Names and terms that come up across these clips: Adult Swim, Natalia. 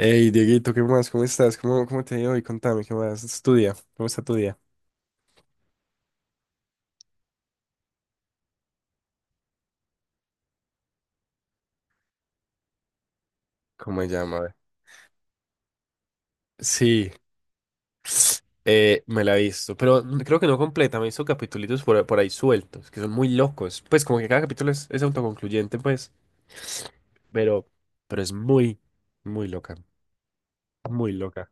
Hey, Dieguito, ¿qué más? ¿Cómo estás? ¿Cómo te ha ido hoy? Contame, ¿qué más? ¿Es tu día? ¿Cómo está tu día? ¿Cómo se llama? A ver. Sí, me la he visto, pero creo que no completa, me he visto capítulos por ahí sueltos, que son muy locos. Pues como que cada capítulo es autoconcluyente, pues, pero, pero es muy, muy loca, muy loca.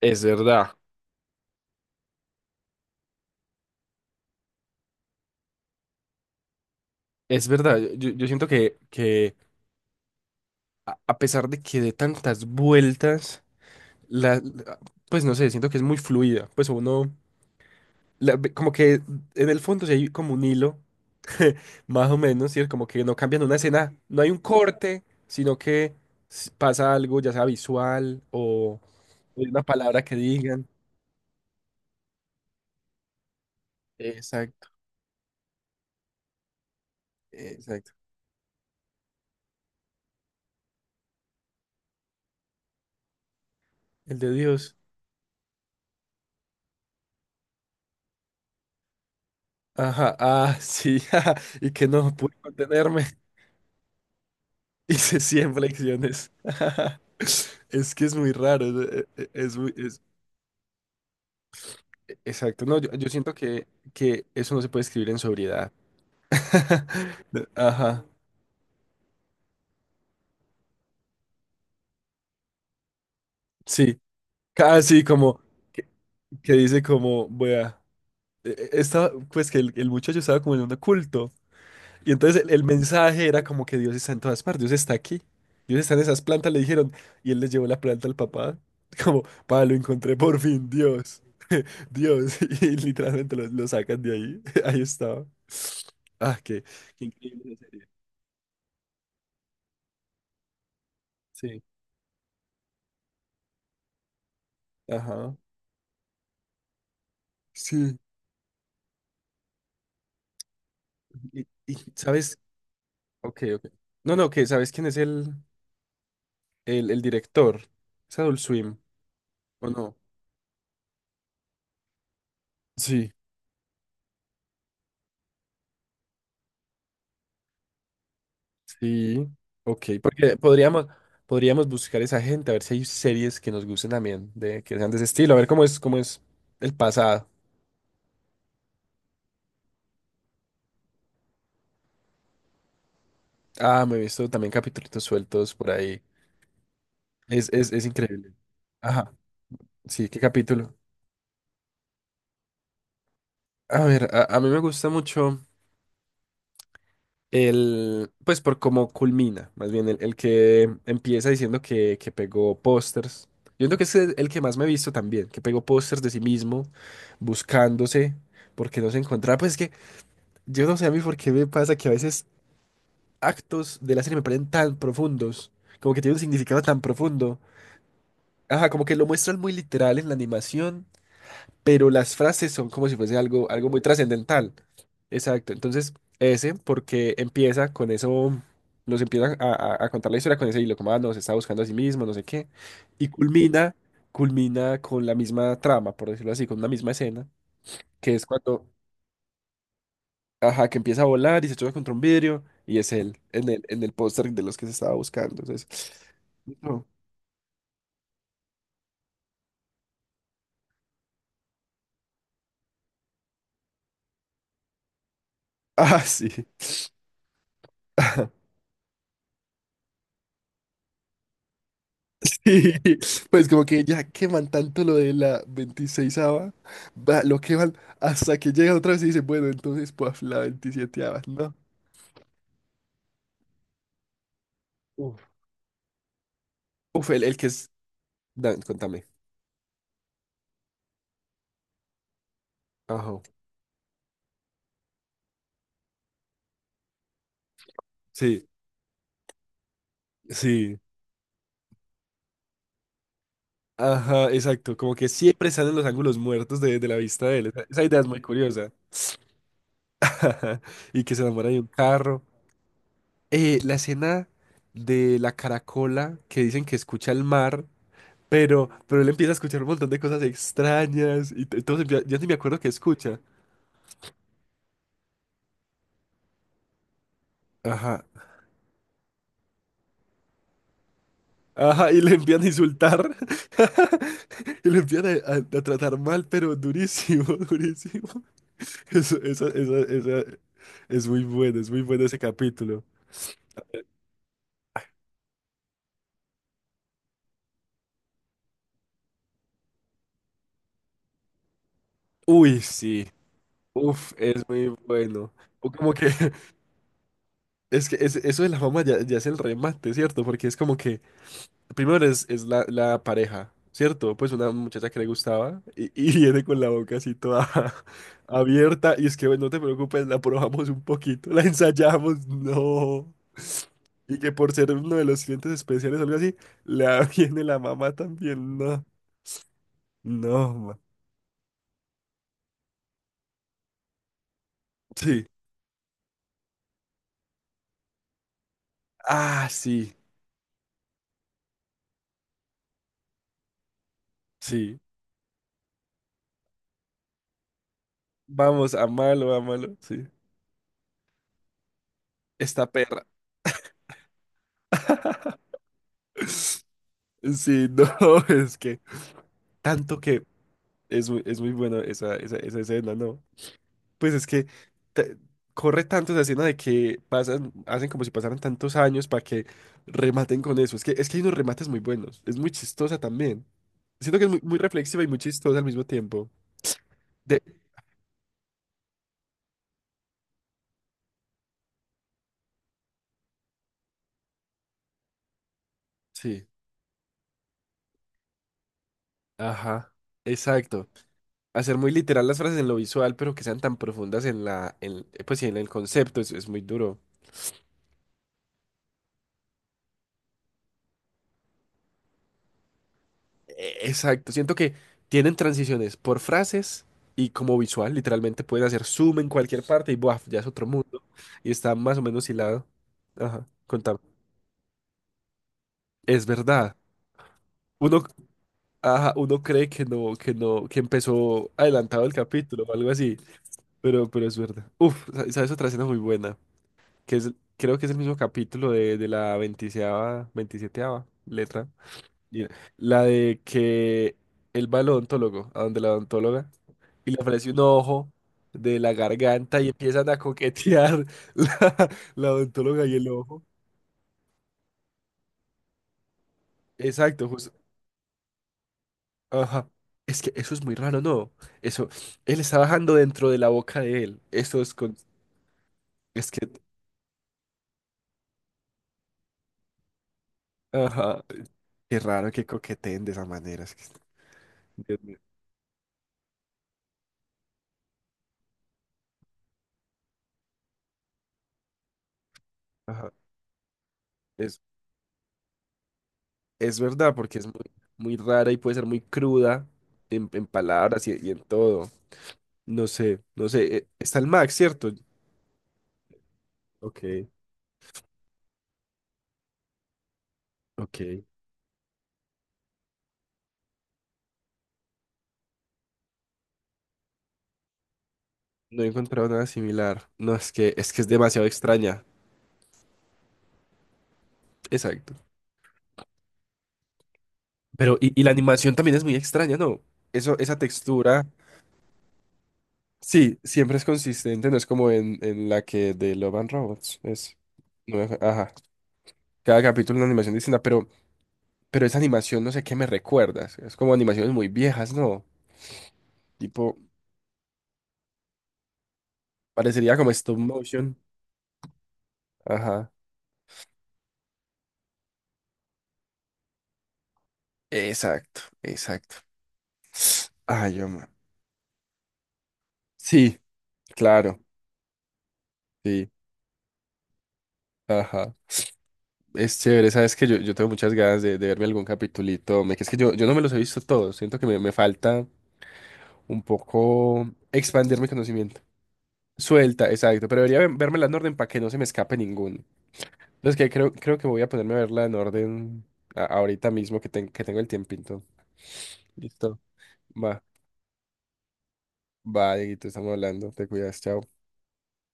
Es verdad, es verdad. Yo siento que a pesar de que dé tantas vueltas, la, la- pues no sé, siento que es muy fluida. Pues uno como que en el fondo sí hay como un hilo, más o menos, ¿cierto? Como que no cambian una escena, no hay un corte, sino que pasa algo, ya sea visual o una palabra que digan. Exacto, exacto. El de Dios. Ajá, ah, sí, ajá, y que no pude contenerme. Hice 100 flexiones. Es que es muy raro. Exacto. No, yo siento que eso no se puede escribir en sobriedad. Ajá. Sí, casi como que, que dice como, vea, pues que el muchacho estaba como en un culto. Y entonces el mensaje era como que Dios está en todas partes, Dios está aquí. Dios está en esas plantas, le dijeron, y él les llevó la planta al papá. Como, pa, lo encontré por fin, Dios. Dios. Y literalmente lo sacan de ahí. Ahí estaba. Ah, qué increíble esa serie. Sí. Ajá. Sí. Y, y, ¿sabes? Ok, ok. No, no, que ¿sabes quién es el? El director. ¿Es Adult Swim? ¿O no? Sí. Sí. Ok, porque podríamos buscar esa gente, a ver si hay series que nos gusten también, de, que sean de ese estilo, a ver cómo es el pasado. Ah, me he visto también capítulos sueltos por ahí. Es increíble. Ajá. Sí, qué capítulo. A ver, a mí me gusta mucho. Pues por cómo culmina, más bien el que empieza diciendo que pegó pósters. Yo creo que es el que más me he visto también, que pegó pósters de sí mismo, buscándose, porque no se encontraba. Pues es que yo no sé a mí por qué me pasa que a veces actos de la serie me parecen tan profundos, como que tienen un significado tan profundo. Ajá, como que lo muestran muy literal en la animación, pero las frases son como si fuese algo muy trascendental. Exacto, entonces ese, porque empieza con eso, nos empieza a contar la historia con ese hilo, como, ah, no, se está buscando a sí mismo, no sé qué, y culmina, con la misma trama, por decirlo así, con una misma escena, que es cuando, ajá, que empieza a volar y se choca contra un vidrio, y es él, en el póster de los que se estaba buscando, entonces, no. Ah, sí. Pues como que ya queman tanto lo de la 26 lo queman hasta que llega otra vez y dice bueno, entonces pues la veintisieteava, ¿no? Uf. Uf, el que es. Dan, contame. Ajá. Sí, sí. Ajá, exacto. Como que siempre salen los ángulos muertos de la vista de él. Esa idea es muy curiosa. Ajá. Y que se enamora de un carro. La escena de la caracola que dicen que escucha el mar. Pero él empieza a escuchar un montón de cosas extrañas y entonces yo ni me acuerdo qué escucha. Ajá. Ajá, y le empiezan a insultar. Y le empiezan a tratar mal, pero durísimo, durísimo. Eso, esa, Es muy bueno, es muy bueno ese capítulo. Uy, sí. Uf, es muy bueno. O como que, es que eso de la fama ya es el remate, ¿cierto? Porque es como que primero es la pareja, ¿cierto? Pues una muchacha que le gustaba y viene con la boca así toda abierta y es que, bueno, no te preocupes, la probamos un poquito, la ensayamos, no. Y que por ser uno de los clientes especiales o algo así, la viene la mamá también, no. No, ma. Sí. Ah, sí, sí. Vamos, amalo, amalo, sí. Esta perra. Sí, no, es que tanto que. Es muy bueno esa escena, ¿no? Pues es que te- corre tanto esa escena de que pasan, hacen como si pasaran tantos años para que rematen con eso. Es que hay unos remates muy buenos. Es muy chistosa también. Siento que es muy, muy reflexiva y muy chistosa al mismo tiempo. De... Sí, ajá, exacto. Hacer muy literal las frases en lo visual, pero que sean tan profundas pues, sí, en el concepto, es muy duro. Exacto, siento que tienen transiciones por frases y como visual, literalmente pueden hacer zoom en cualquier parte y ¡buaf!, ya es otro mundo y está más o menos hilado. Ajá, contame. Es verdad. Uno, ajá, uno cree que no, que empezó adelantado el capítulo o algo así, pero es verdad. Uf, sabes otra escena muy buena, que es, creo que es el mismo capítulo de la 26 veintisieteava letra, y la de que él va al odontólogo, a donde la odontóloga, y le aparece un ojo de la garganta y empiezan a coquetear la, la odontóloga y el ojo. Exacto, justo. Ajá. Es que eso es muy raro, ¿no? Eso, él está bajando dentro de la boca de él. Eso es con. Es que. Ajá. Qué raro que coqueteen de esa manera. Es que. Dios mío. Ajá. Es, es verdad, porque es muy, muy rara y puede ser muy cruda en palabras y en todo. No sé, no sé. Está el Max, ¿cierto? Ok, ok. No he encontrado nada similar. No, es que es demasiado extraña. Exacto. Pero, y la animación también es muy extraña, ¿no? Eso, esa textura, sí, siempre es consistente, no es como en la que de Love and Robots. No me acu- ajá. Cada capítulo una animación distinta, pero esa animación no sé qué me recuerdas. Es como animaciones muy viejas, ¿no? Tipo, parecería como stop motion. Ajá. Exacto, exacto. Ay, yo, man. Sí, claro, sí. Ajá. Es chévere, sabes que yo tengo muchas ganas de verme algún capitulito. Que es que yo no me los he visto todos. Siento que me falta un poco expandir mi conocimiento. Suelta, exacto. Pero debería vérmela en orden para que no se me escape ninguno. Entonces que creo que voy a ponerme a verla en orden ahorita mismo que tengo el tiempito. Listo. Va, va, Dieguito, estamos hablando. Te cuidas, chao.